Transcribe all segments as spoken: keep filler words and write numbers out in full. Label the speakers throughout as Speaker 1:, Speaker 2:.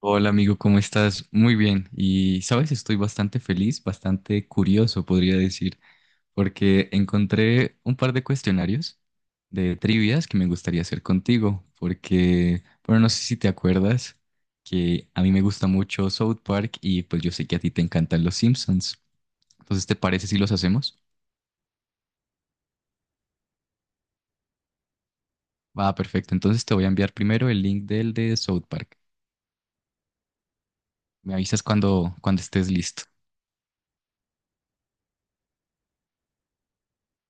Speaker 1: Hola amigo, ¿cómo estás? Muy bien. Y sabes, estoy bastante feliz, bastante curioso, podría decir, porque encontré un par de cuestionarios de trivias que me gustaría hacer contigo, porque, bueno, no sé si te acuerdas que a mí me gusta mucho South Park y pues yo sé que a ti te encantan los Simpsons. Entonces, ¿te parece si los hacemos? Va, perfecto. Entonces te voy a enviar primero el link del de South Park. Me avisas cuando, cuando estés listo.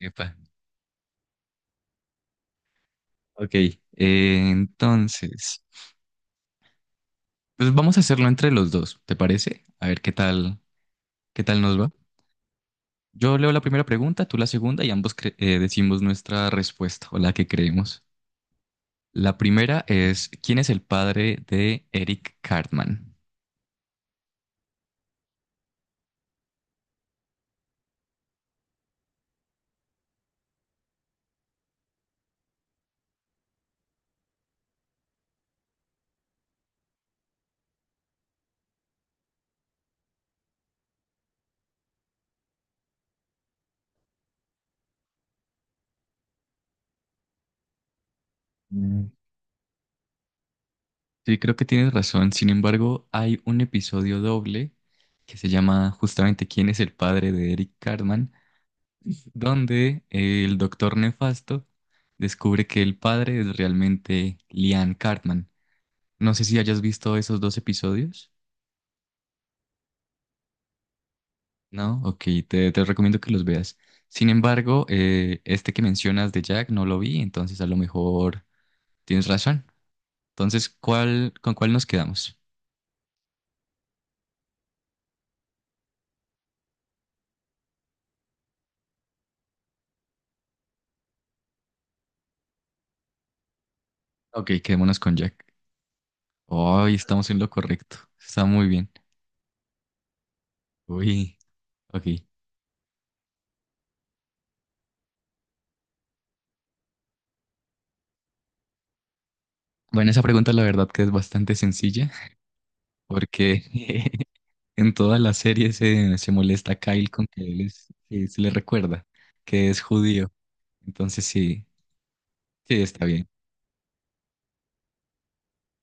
Speaker 1: Epa. Ok, eh, entonces. Pues vamos a hacerlo entre los dos, ¿te parece? A ver qué tal, qué tal nos va. Yo leo la primera pregunta, tú la segunda y ambos cre- eh, decimos nuestra respuesta o la que creemos. La primera es, ¿quién es el padre de Eric Cartman? Mm. Sí, creo que tienes razón. Sin embargo, hay un episodio doble que se llama justamente ¿quién es el padre de Eric Cartman? Donde el doctor Nefasto descubre que el padre es realmente Lian Cartman. No sé si hayas visto esos dos episodios. No, ok, te, te recomiendo que los veas. Sin embargo, eh, este que mencionas de Jack no lo vi, entonces a lo mejor tienes razón. Entonces, ¿cuál, con cuál nos quedamos? Ok, quedémonos con Jack. Hoy estamos en lo correcto. Está muy bien. Uy, ok. Bueno, esa pregunta la verdad que es bastante sencilla, porque en toda la serie se, se molesta a Kyle con que él es- que se le recuerda que es judío. Entonces, sí, sí, está bien.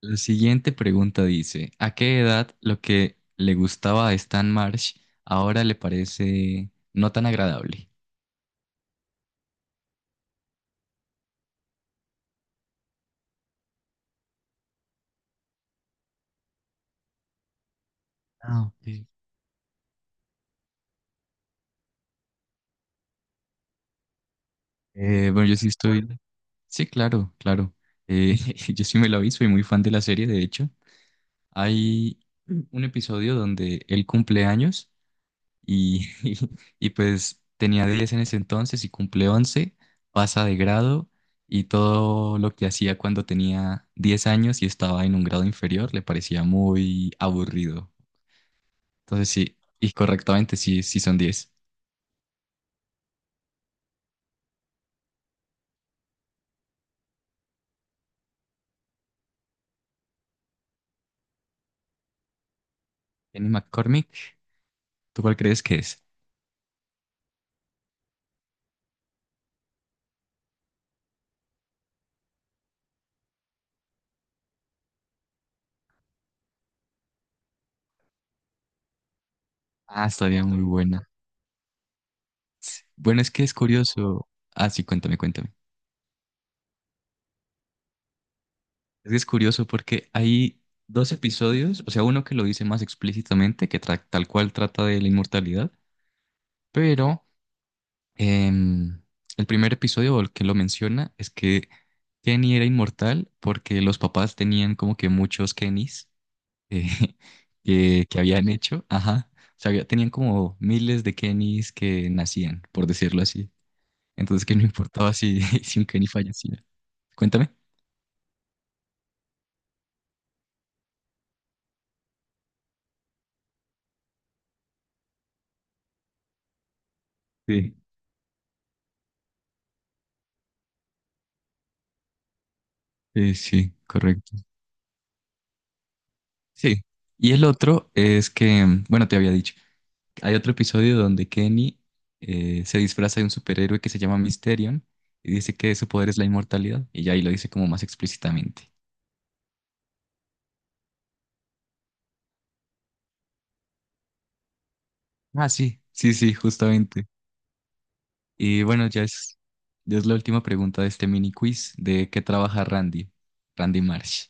Speaker 1: La siguiente pregunta dice, ¿a qué edad lo que le gustaba a Stan Marsh ahora le parece no tan agradable? Ah, ok. Eh, bueno, yo sí estoy. Sí, claro, claro. Eh, yo sí me la vi, soy muy fan de la serie, de hecho. Hay un episodio donde él cumple años. Y, y pues tenía diez en ese entonces y cumple once, pasa de grado, y todo lo que hacía cuando tenía diez años y estaba en un grado inferior le parecía muy aburrido. Entonces sí, y correctamente sí, sí son diez. Jenny McCormick, ¿tú cuál crees que es? Ah, estaría muy buena. Bueno, es que es curioso. Ah, sí, cuéntame, cuéntame. Es que es curioso porque hay dos episodios, o sea, uno que lo dice más explícitamente, que tra- tal cual trata de la inmortalidad, pero Em, el primer episodio, el que lo menciona, es que Kenny era inmortal porque los papás tenían como que muchos Kennys, eh, que, que habían hecho. Ajá. O sea, había- tenían como miles de Kennys que nacían, por decirlo así. Entonces, que no importaba si, si un Kenny fallecía. Cuéntame. Sí, sí, sí, correcto. Sí. Y el otro es que, bueno, te había dicho. Hay otro episodio donde Kenny eh, se disfraza de un superhéroe que se llama Mysterion y dice que su poder es la inmortalidad. Y ya ahí lo dice como más explícitamente. Ah, sí, sí, sí, justamente. Y bueno, ya es, ya es la última pregunta de este mini quiz de qué trabaja Randy, Randy Marsh.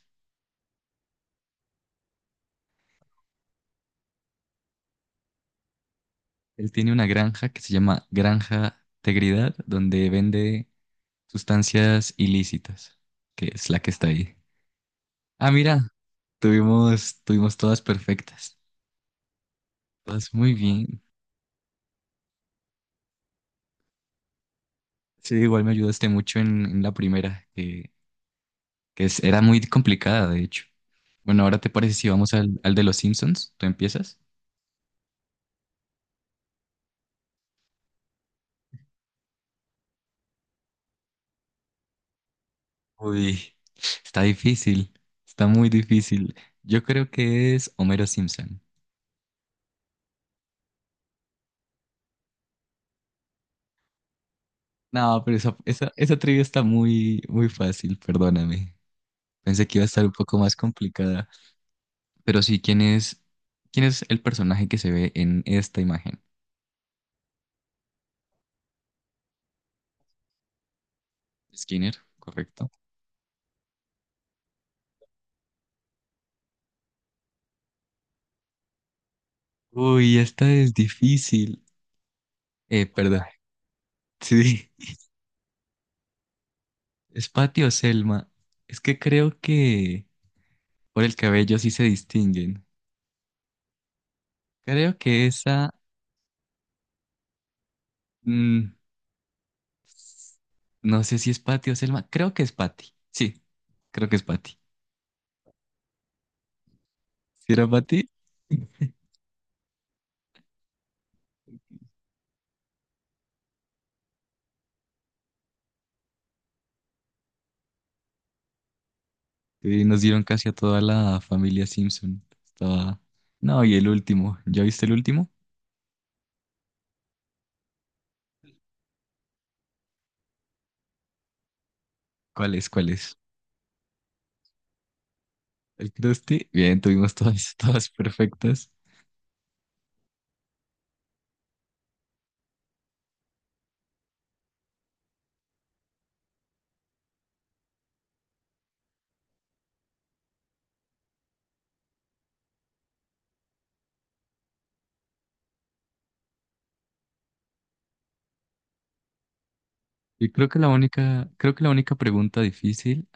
Speaker 1: Él tiene una granja que se llama Granja Tegridad, donde vende sustancias ilícitas, que es la que está ahí. Ah, mira, tuvimos, tuvimos todas perfectas. Todas muy bien. Sí, igual me ayudaste mucho en, en la primera, que, que es- era muy complicada, de hecho. Bueno, ahora te parece si vamos al, al de los Simpsons, ¿tú empiezas? Uy, está difícil, está muy difícil. Yo creo que es Homero Simpson. No, pero esa, esa, esa trivia está muy, muy fácil, perdóname. Pensé que iba a estar un poco más complicada. Pero sí, ¿quién es, quién es el personaje que se ve en esta imagen? Skinner, correcto. Uy, esta es difícil. Eh, perdón. Sí. ¿Es Patty o Selma? Es que creo que por el cabello sí se distinguen. Creo que esa. mm, no sé si es Patty o Selma. Creo que es Patty. Sí, creo que es Patty. ¿Sí era Patty? Sí, nos dieron casi a toda la familia Simpson. Estaba. No, y el último. ¿Ya viste el último? ¿Cuál es? ¿Cuál es? ¿El Krusty? Bien, tuvimos todas, todas perfectas. Y creo que la única, creo que la única pregunta difícil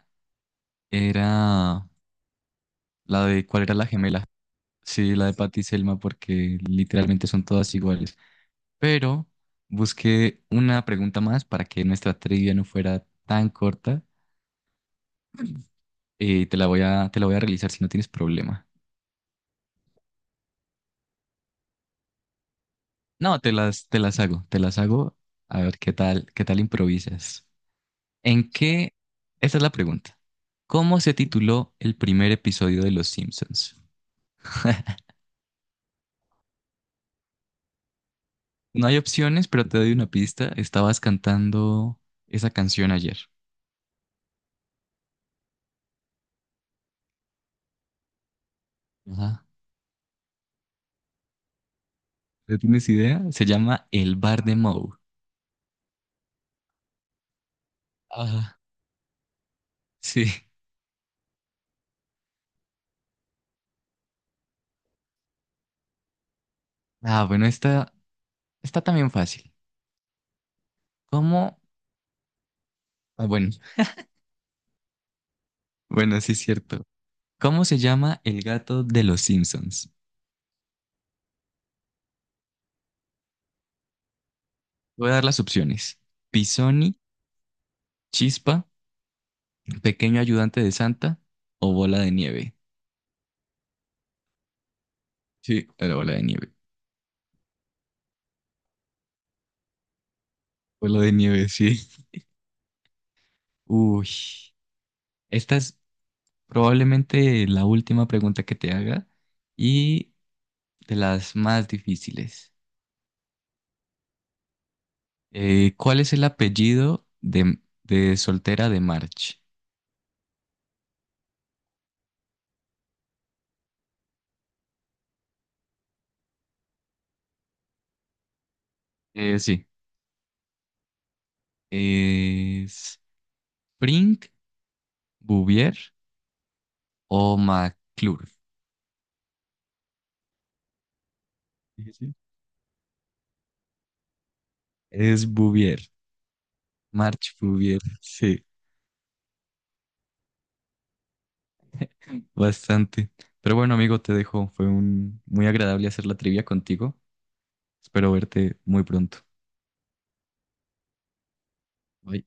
Speaker 1: era la de cuál era la gemela. Sí, la de Patty y Selma, porque literalmente son todas iguales. Pero busqué una pregunta más para que nuestra trivia no fuera tan corta y te la voy a, te la voy a realizar si no tienes problema. No, te las, te las hago, te las hago. A ver qué tal, qué tal improvisas. ¿En qué? Esta es la pregunta. ¿Cómo se tituló el primer episodio de Los Simpsons? No hay opciones, pero te doy una pista. Estabas cantando esa canción ayer. Ajá. ¿No tienes idea? Se llama El Bar de Moe. Ah, sí. Ah, bueno, esta está también fácil. ¿Cómo? Ah, bueno, bueno, sí es cierto. ¿Cómo se llama el gato de los Simpsons? Voy a dar las opciones. Pisoni, Chispa, Pequeño Ayudante de Santa o Bola de Nieve. Sí, era Bola de Nieve. Bola de Nieve, sí. Uy, esta es probablemente la última pregunta que te haga y de las más difíciles. Eh, ¿cuál es el apellido de, de, soltera de March? Eh, sí, es Brink, Bouvier o McClure. Dije, sí. Es Bouvier, March Bouvier, sí, bastante. Pero bueno, amigo, te dejo. Fue un, muy agradable hacer la trivia contigo. Espero verte muy pronto. Bye.